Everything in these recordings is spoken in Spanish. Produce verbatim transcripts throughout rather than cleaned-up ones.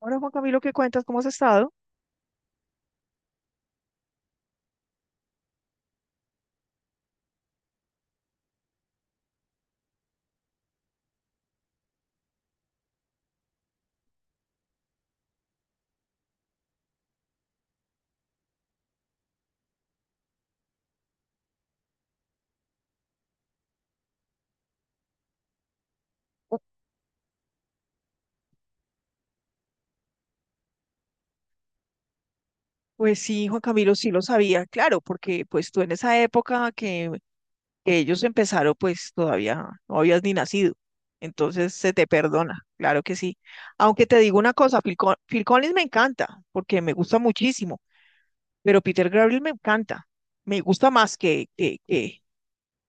Ahora, Juan Camilo, ¿qué cuentas? ¿Cómo has estado? Pues sí, Juan Camilo, sí lo sabía, claro, porque pues tú en esa época que, que ellos empezaron, pues todavía no habías ni nacido. Entonces se te perdona, claro que sí. Aunque te digo una cosa, Phil, Col- Phil Collins me encanta, porque me gusta muchísimo, pero Peter Gabriel me encanta, me gusta más que, que, que,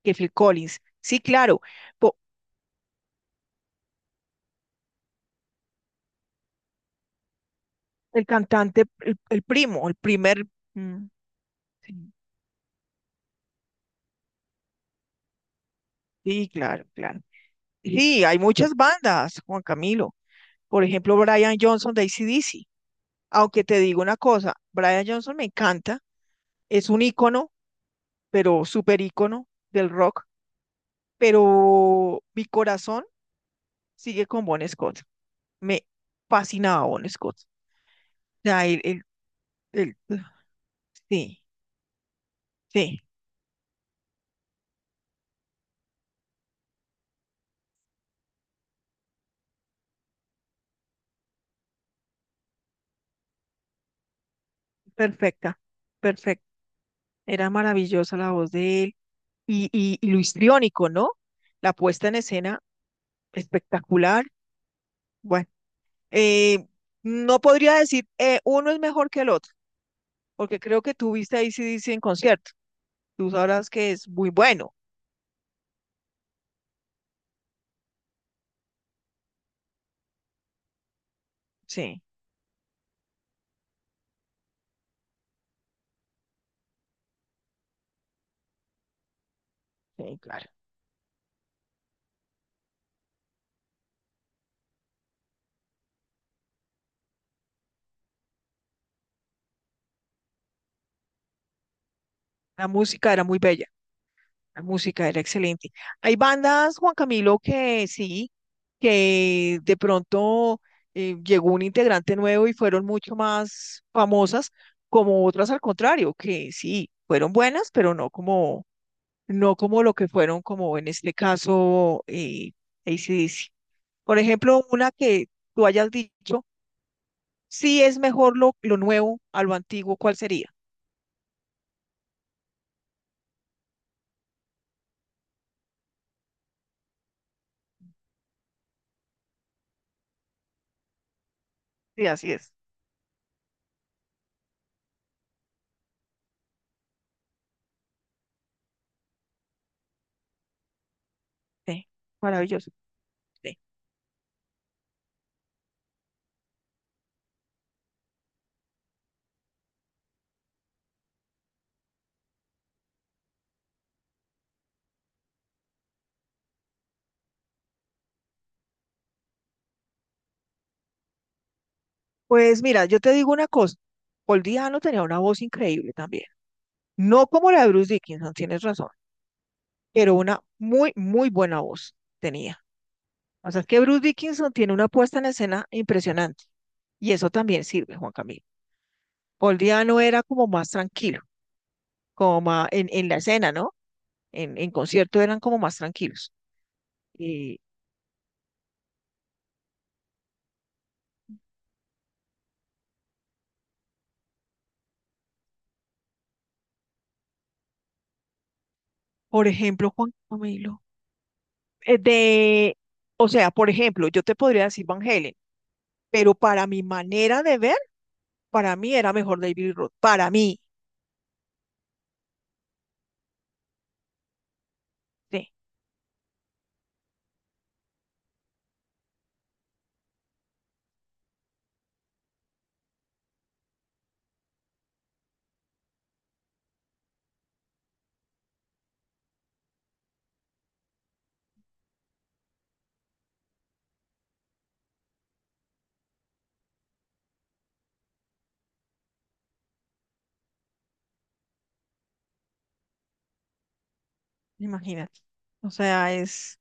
que Phil Collins. Sí, claro, po- el cantante, el, el primo, el primer... mm, sí, sí, claro, claro. Sí, hay muchas bandas, Juan Camilo. Por ejemplo, Brian Johnson de A C/D C. Aunque te digo una cosa, Brian Johnson me encanta, es un ícono, pero súper ícono del rock, pero mi corazón sigue con Bon Scott. Me fascinaba Bon Scott. O sea, el, el- el- sí, sí, perfecta, perfecta. Era maravillosa la voz de él y, y, y lo histriónico, ¿no? La puesta en escena espectacular. Bueno. Eh, no podría decir eh, uno es mejor que el otro, porque creo que tú viste a AC/D C en concierto. Tú sabrás que es muy bueno. Sí, sí, claro. La música era muy bella, la música era excelente. Hay bandas, Juan Camilo, que sí, que de pronto eh, llegó un integrante nuevo y fueron mucho más famosas, como otras al contrario, que sí, fueron buenas, pero no como, no como lo que fueron, como en este caso, eh, A C/D C. Por ejemplo, una que tú hayas dicho, sí es mejor lo, lo nuevo a lo antiguo, ¿cuál sería? Sí, así es. Sí, maravilloso. Sí. Pues mira, yo te digo una cosa, Paul Diano tenía una voz increíble también. No como la de Bruce Dickinson, tienes razón, pero una muy, muy buena voz tenía. O sea, es que Bruce Dickinson tiene una puesta en escena impresionante y eso también sirve, Juan Camilo. Paul Diano era como más tranquilo, como más en, en la escena, ¿no? En, en concierto eran como más tranquilos. Y, por ejemplo, Juan Camilo, eh, de, o sea, por ejemplo, yo te podría decir Van Halen, pero para mi manera de ver, para mí era mejor David Roth, para mí, sí, imagínate. O sea, es,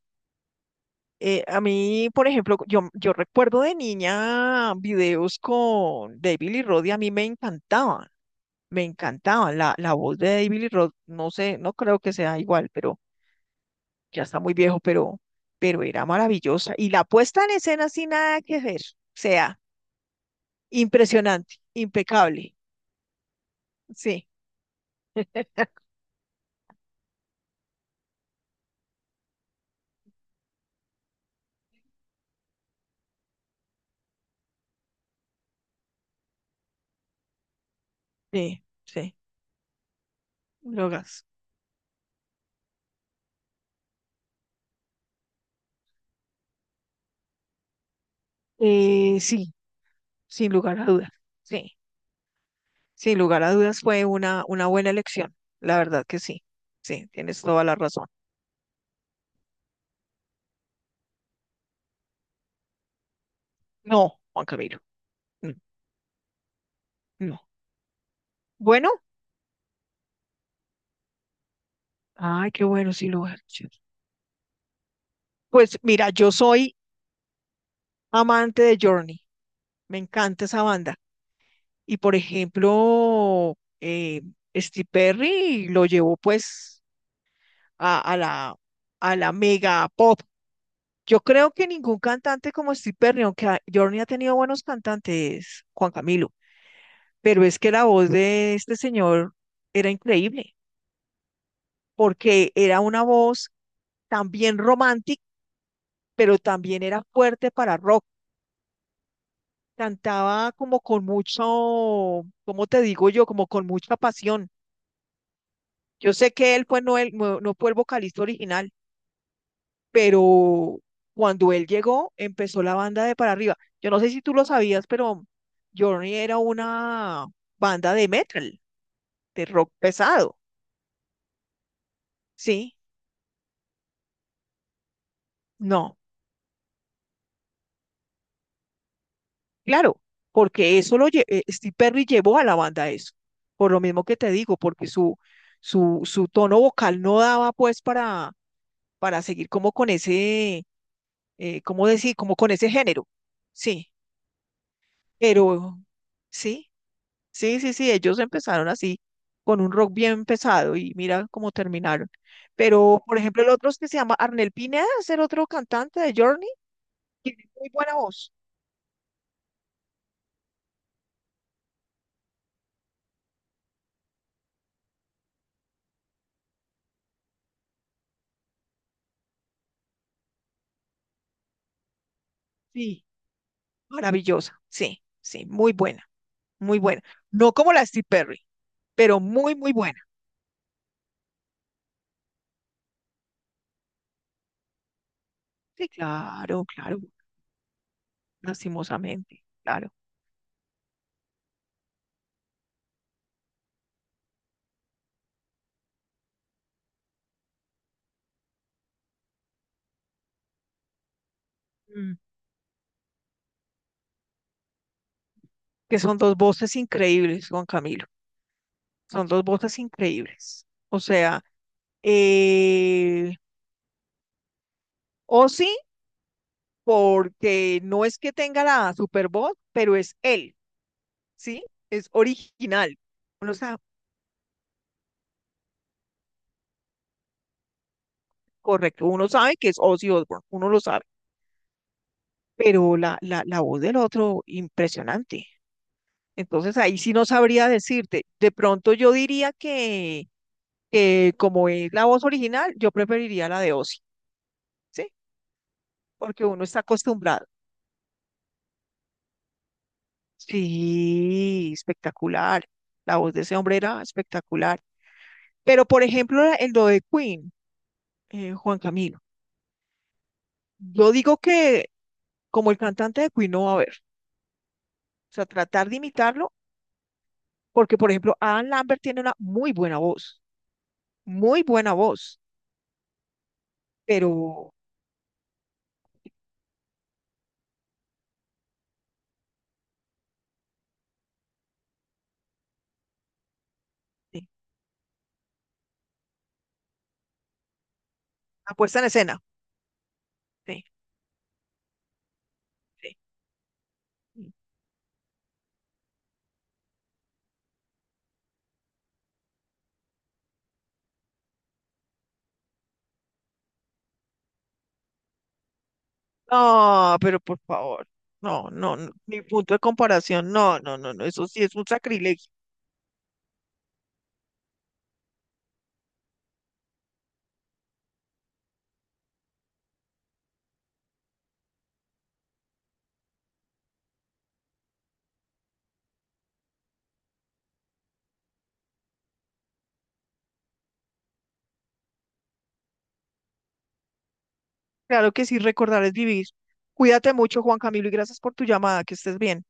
eh, a mí, por ejemplo, yo, yo recuerdo de niña videos con David Lee Roth y a mí me encantaban, me encantaban. La, la voz de David Lee Roth, no sé, no creo que sea igual, pero ya está muy viejo, pero, pero era maravillosa. Y la puesta en escena sin nada que ver, o sea, impresionante, impecable. Sí, sí, sí, Logas. Eh, sí, sin lugar a dudas, sí, sin lugar a dudas fue una, una buena elección, la verdad que sí, sí, tienes toda la razón. No, Juan Camilo, no, no. Bueno, ay, qué bueno, sin lugar a dudas. Pues mira, yo soy amante de Journey, me encanta esa banda. Y por ejemplo, eh, Steve Perry lo llevó pues a, a la, a la mega pop. Yo creo que ningún cantante como Steve Perry, aunque a- Journey ha tenido buenos cantantes, Juan Camilo, pero es que la voz de este señor era increíble, porque era una voz también romántica, pero también era fuerte para rock. Cantaba como con mucho, ¿cómo te digo yo? Como con mucha pasión. Yo sé que él fue, no, el, no no fue el vocalista original, pero cuando él llegó, empezó la banda de para arriba. Yo no sé si tú lo sabías, pero Journey era una banda de metal, de rock pesado, ¿sí? No, claro, porque eso lo lle- eh, Steve Perry llevó a la banda a eso, por lo mismo que te digo, porque su, su, su tono vocal no daba pues para, para seguir como con ese, eh, ¿cómo decir? Como con ese género, sí, pero sí. Sí, sí, sí, ellos empezaron así, con un rock bien pesado y mira cómo terminaron. Pero, por ejemplo, el otro es que se llama Arnel Pineda, es el otro cantante de Journey, tiene muy buena voz. Sí, maravillosa. Sí, sí, muy buena, muy buena. No como la de Steve Perry, pero muy, muy buena. Sí, claro, claro, lastimosamente, claro. Mm, Que son dos voces increíbles, Juan Camilo. Son dos voces increíbles. O sea, eh, Ozzy porque no es que tenga la super voz, pero es él, ¿sí? Es original. Uno sabe, correcto, uno sabe que es Ozzy Osbourne, uno lo sabe, pero la, la, la voz del otro, impresionante. Entonces ahí sí no sabría decirte. De pronto yo diría que, que como es la voz original, yo preferiría la de Ozzy, ¿sí? Porque uno está acostumbrado. Sí, espectacular. La voz de ese hombre era espectacular. Pero por ejemplo, la- el lo de Queen, eh, Juan Camilo. Yo digo que como el cantante de Queen no va a haber, o sea, tratar de imitarlo, porque por ejemplo, Adam Lambert tiene una muy buena voz, muy buena voz, pero sí, la puesta en escena. Sí, sí, sí. No, pero por favor, no, no, no, ni punto de comparación, no, no, no, no, eso sí es un sacrilegio. Claro que sí, recordar es vivir. Cuídate mucho, Juan Camilo, y gracias por tu llamada, que estés bien.